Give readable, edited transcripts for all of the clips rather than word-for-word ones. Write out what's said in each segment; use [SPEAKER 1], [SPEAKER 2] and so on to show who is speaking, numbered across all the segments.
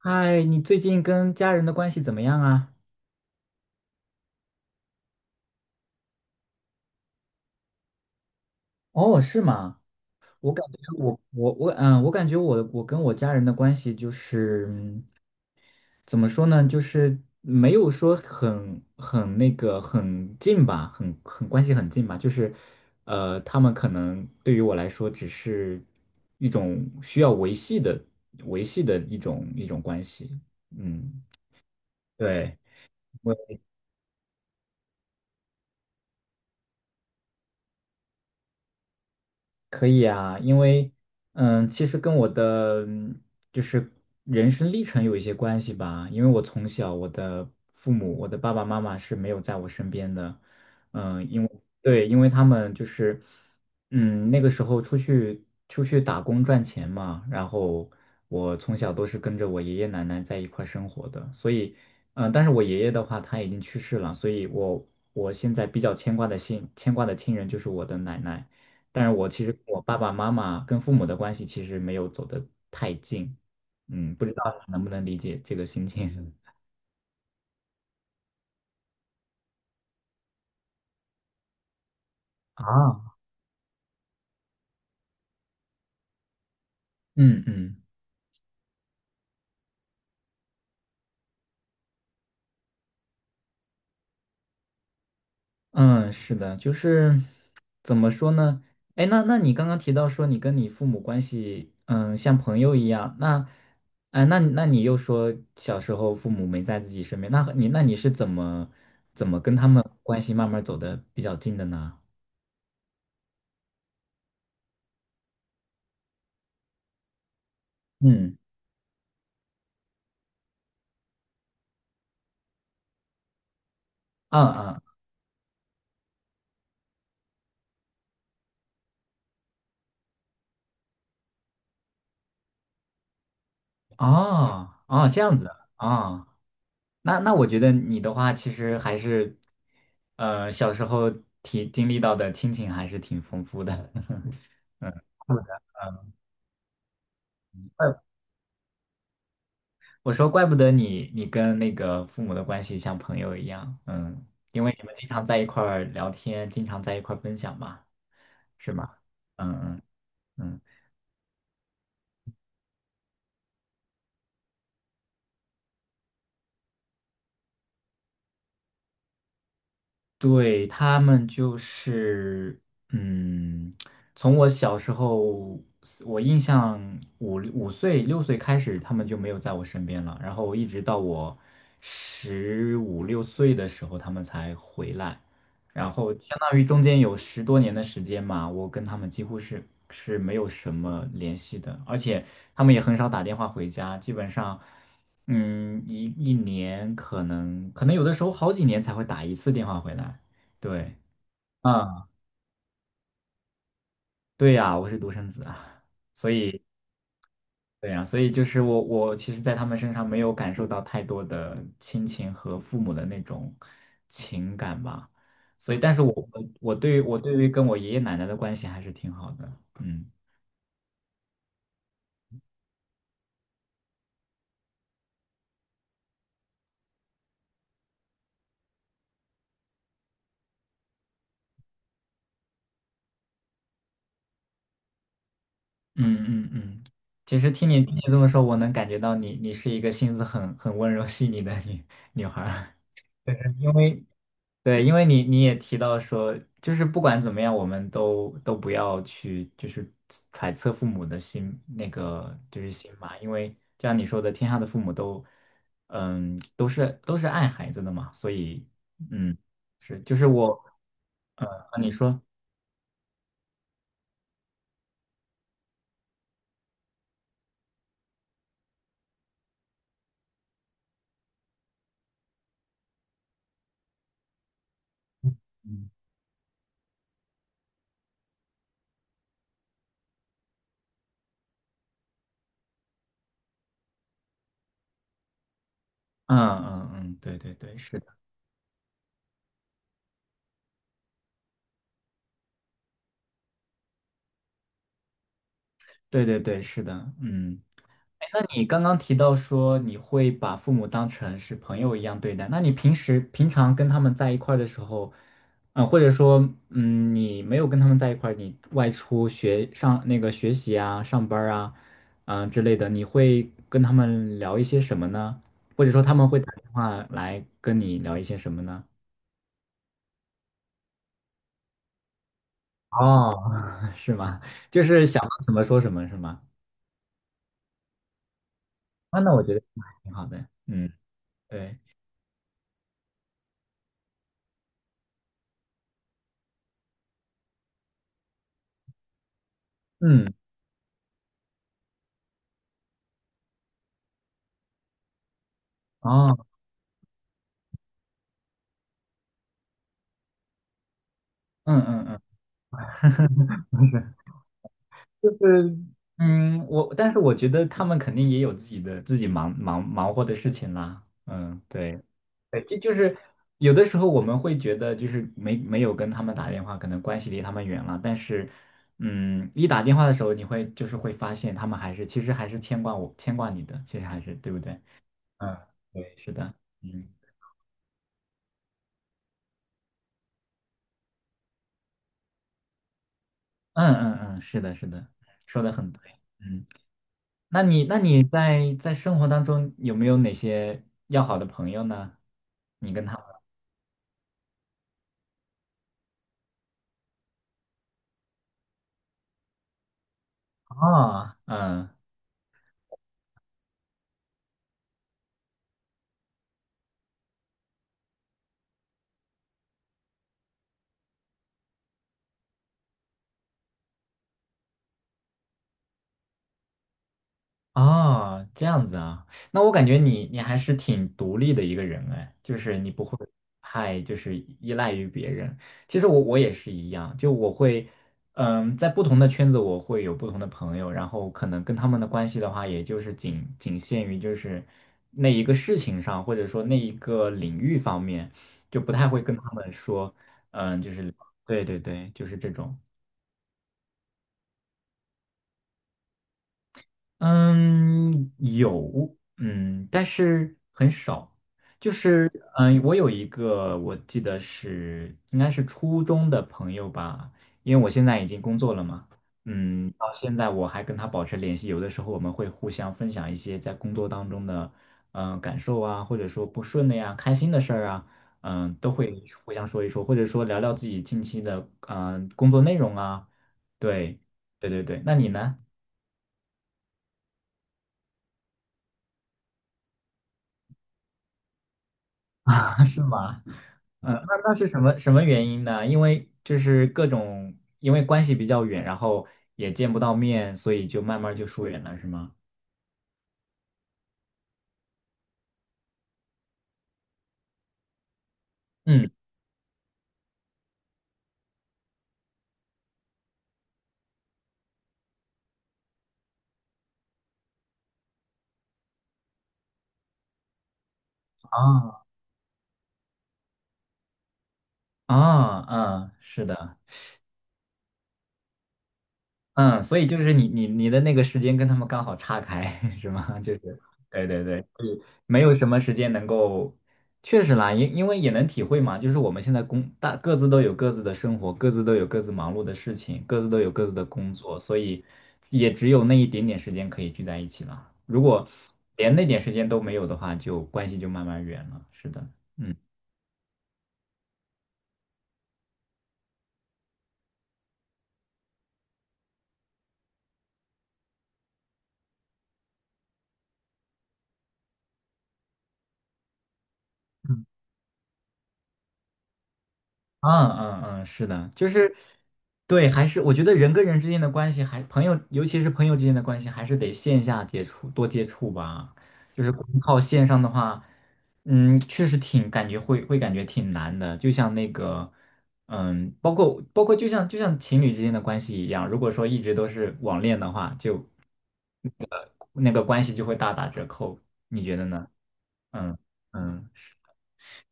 [SPEAKER 1] 嗨，你最近跟家人的关系怎么样啊？哦，是吗？我感觉我感觉我跟我家人的关系就是,怎么说呢，就是没有说很很近吧，关系很近吧，就是他们可能对于我来说只是一种需要维系的维系的一种关系，嗯，对。我。可以啊，因为其实跟我的就是人生历程有一些关系吧。因为我从小我的父母，我的爸爸妈妈是没有在我身边的，嗯，因为对，因为他们就是那个时候出去打工赚钱嘛，然后我从小都是跟着我爷爷奶奶在一块儿生活的，所以但是我爷爷的话他已经去世了，所以我现在比较牵挂的亲人就是我的奶奶。但是我其实跟我爸爸妈妈跟父母的关系其实没有走得太近，嗯，不知道你能不能理解这个心情 啊？嗯嗯嗯，是的，就是怎么说呢？哎，那你刚刚提到说你跟你父母关系，嗯，像朋友一样，那，哎，那你又说小时候父母没在自己身边，那你是怎么跟他们关系慢慢走的比较近的呢？嗯，啊啊啊啊，这样子啊。哦，那我觉得你的话，其实还是，小时候体经历到的亲情还是挺丰富的。我说，怪不得你跟那个父母的关系像朋友一样，嗯，因为你们经常在一块儿聊天，经常在一块儿分享嘛，是吗？嗯嗯嗯。对，他们就是，嗯，从我小时候，我印象五岁六岁开始，他们就没有在我身边了。然后一直到我十五六岁的时候，他们才回来。然后相当于中间有十多年的时间嘛，我跟他们几乎是是没有什么联系的，而且他们也很少打电话回家，基本上。嗯，一年可能有的时候好几年才会打一次电话回来。对，啊，对呀，我是独生子啊，所以对呀，所以就是我其实，在他们身上没有感受到太多的亲情和父母的那种情感吧。所以，但是我对于我对于跟我爷爷奶奶的关系还是挺好的。嗯嗯嗯，嗯，其实听你这么说，我能感觉到你是一个心思很温柔细腻的女孩儿。因为对，因为你也提到说，就是不管怎么样，我们都不要去就是揣测父母的心，那个就是心嘛，因为就像你说的，天下的父母都，嗯，都是爱孩子的嘛，所以，嗯，是，就是我，呃，你说，嗯嗯嗯，嗯，对对对，是。对对对，是的，嗯。哎，那你刚刚提到说你会把父母当成是朋友一样对待，那你平时平常跟他们在一块儿的时候，嗯、或者说，嗯，你没有跟他们在一块儿，你外出学上那个学习啊、上班儿啊，嗯、之类的，你会跟他们聊一些什么呢？或者说他们会打电话来跟你聊一些什么呢？哦，是吗？就是想到什么说什么是吗？啊，那我觉得挺好的，嗯，对。嗯。哦，嗯嗯嗯，是，就是嗯，我但是我觉得他们肯定也有自己的忙活的事情啦，嗯，对，对，这就是有的时候我们会觉得就是没有跟他们打电话，可能关系离他们远了，但是嗯，一打电话的时候，你会就是会发现他们还是其实还是牵挂你的，其实还是对不对？嗯，对，是的，嗯嗯嗯，嗯，是的，是的，说的很对，嗯。那你在在生活当中有没有哪些要好的朋友呢？你跟他们哦，嗯。啊，这样子啊，那我感觉你还是挺独立的一个人哎，就是你不会太就是依赖于别人。其实我也是一样，就我会，嗯，在不同的圈子我会有不同的朋友，然后可能跟他们的关系的话，也就是仅仅限于就是那一个事情上，或者说那一个领域方面，就不太会跟他们说，嗯，就是对对对，就是这种。嗯，有，嗯，但是很少。就是，嗯，我有一个，我记得是应该是初中的朋友吧，因为我现在已经工作了嘛，嗯，到现在我还跟他保持联系，有的时候我们会互相分享一些在工作当中的，嗯，感受啊，或者说不顺的呀、开心的事儿啊，嗯，都会互相说一说，或者说聊聊自己近期的，嗯，工作内容啊，对，对对对，那你呢？啊，是吗？嗯，那那是什么原因呢？因为就是各种，因为关系比较远，然后也见不到面，所以就慢慢就疏远了，是吗？嗯，啊啊，嗯，是的，嗯，所以就是你的那个时间跟他们刚好岔开，是吗？就是，对对对，就以没有什么时间能够，确实啦，因为也能体会嘛，就是我们现在工大各自都有各自的生活，各自都有各自忙碌的事情，各自都有各自的工作，所以也只有那一点点时间可以聚在一起了。如果连那点时间都没有的话，就关系就慢慢远了。是的，嗯嗯嗯，嗯，是的，就是对，还是我觉得人跟人之间的关系还，朋友，尤其是朋友之间的关系，还是得线下接触多接触吧。就是光靠线上的话，嗯，确实挺感觉会感觉挺难的。就像那个，嗯，包括就像情侣之间的关系一样，如果说一直都是网恋的话，就那个关系就会大打折扣。你觉得呢？嗯嗯。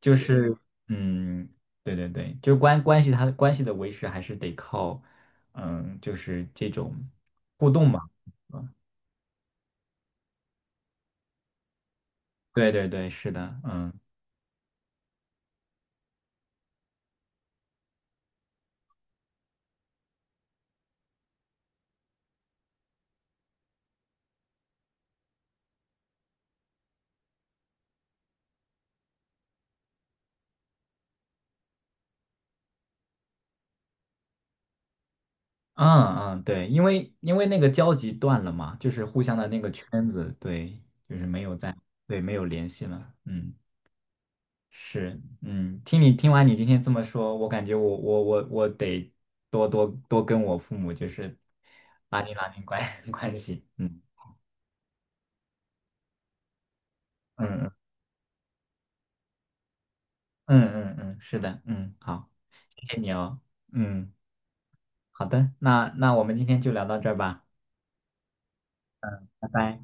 [SPEAKER 1] 就是嗯，对对对，就是关系他的关系的维持还是得靠嗯，就是这种互动嘛。对对对，是的，嗯嗯嗯，对，因为那个交集断了嘛，就是互相的那个圈子，对，就是没有在，对，没有联系了，嗯。是，嗯，听完你今天这么说，我感觉我得多跟我父母就是拉近关 关系，嗯嗯嗯嗯嗯嗯，是的，嗯，好，谢谢你哦，嗯，好的，那我们今天就聊到这儿吧，拜拜。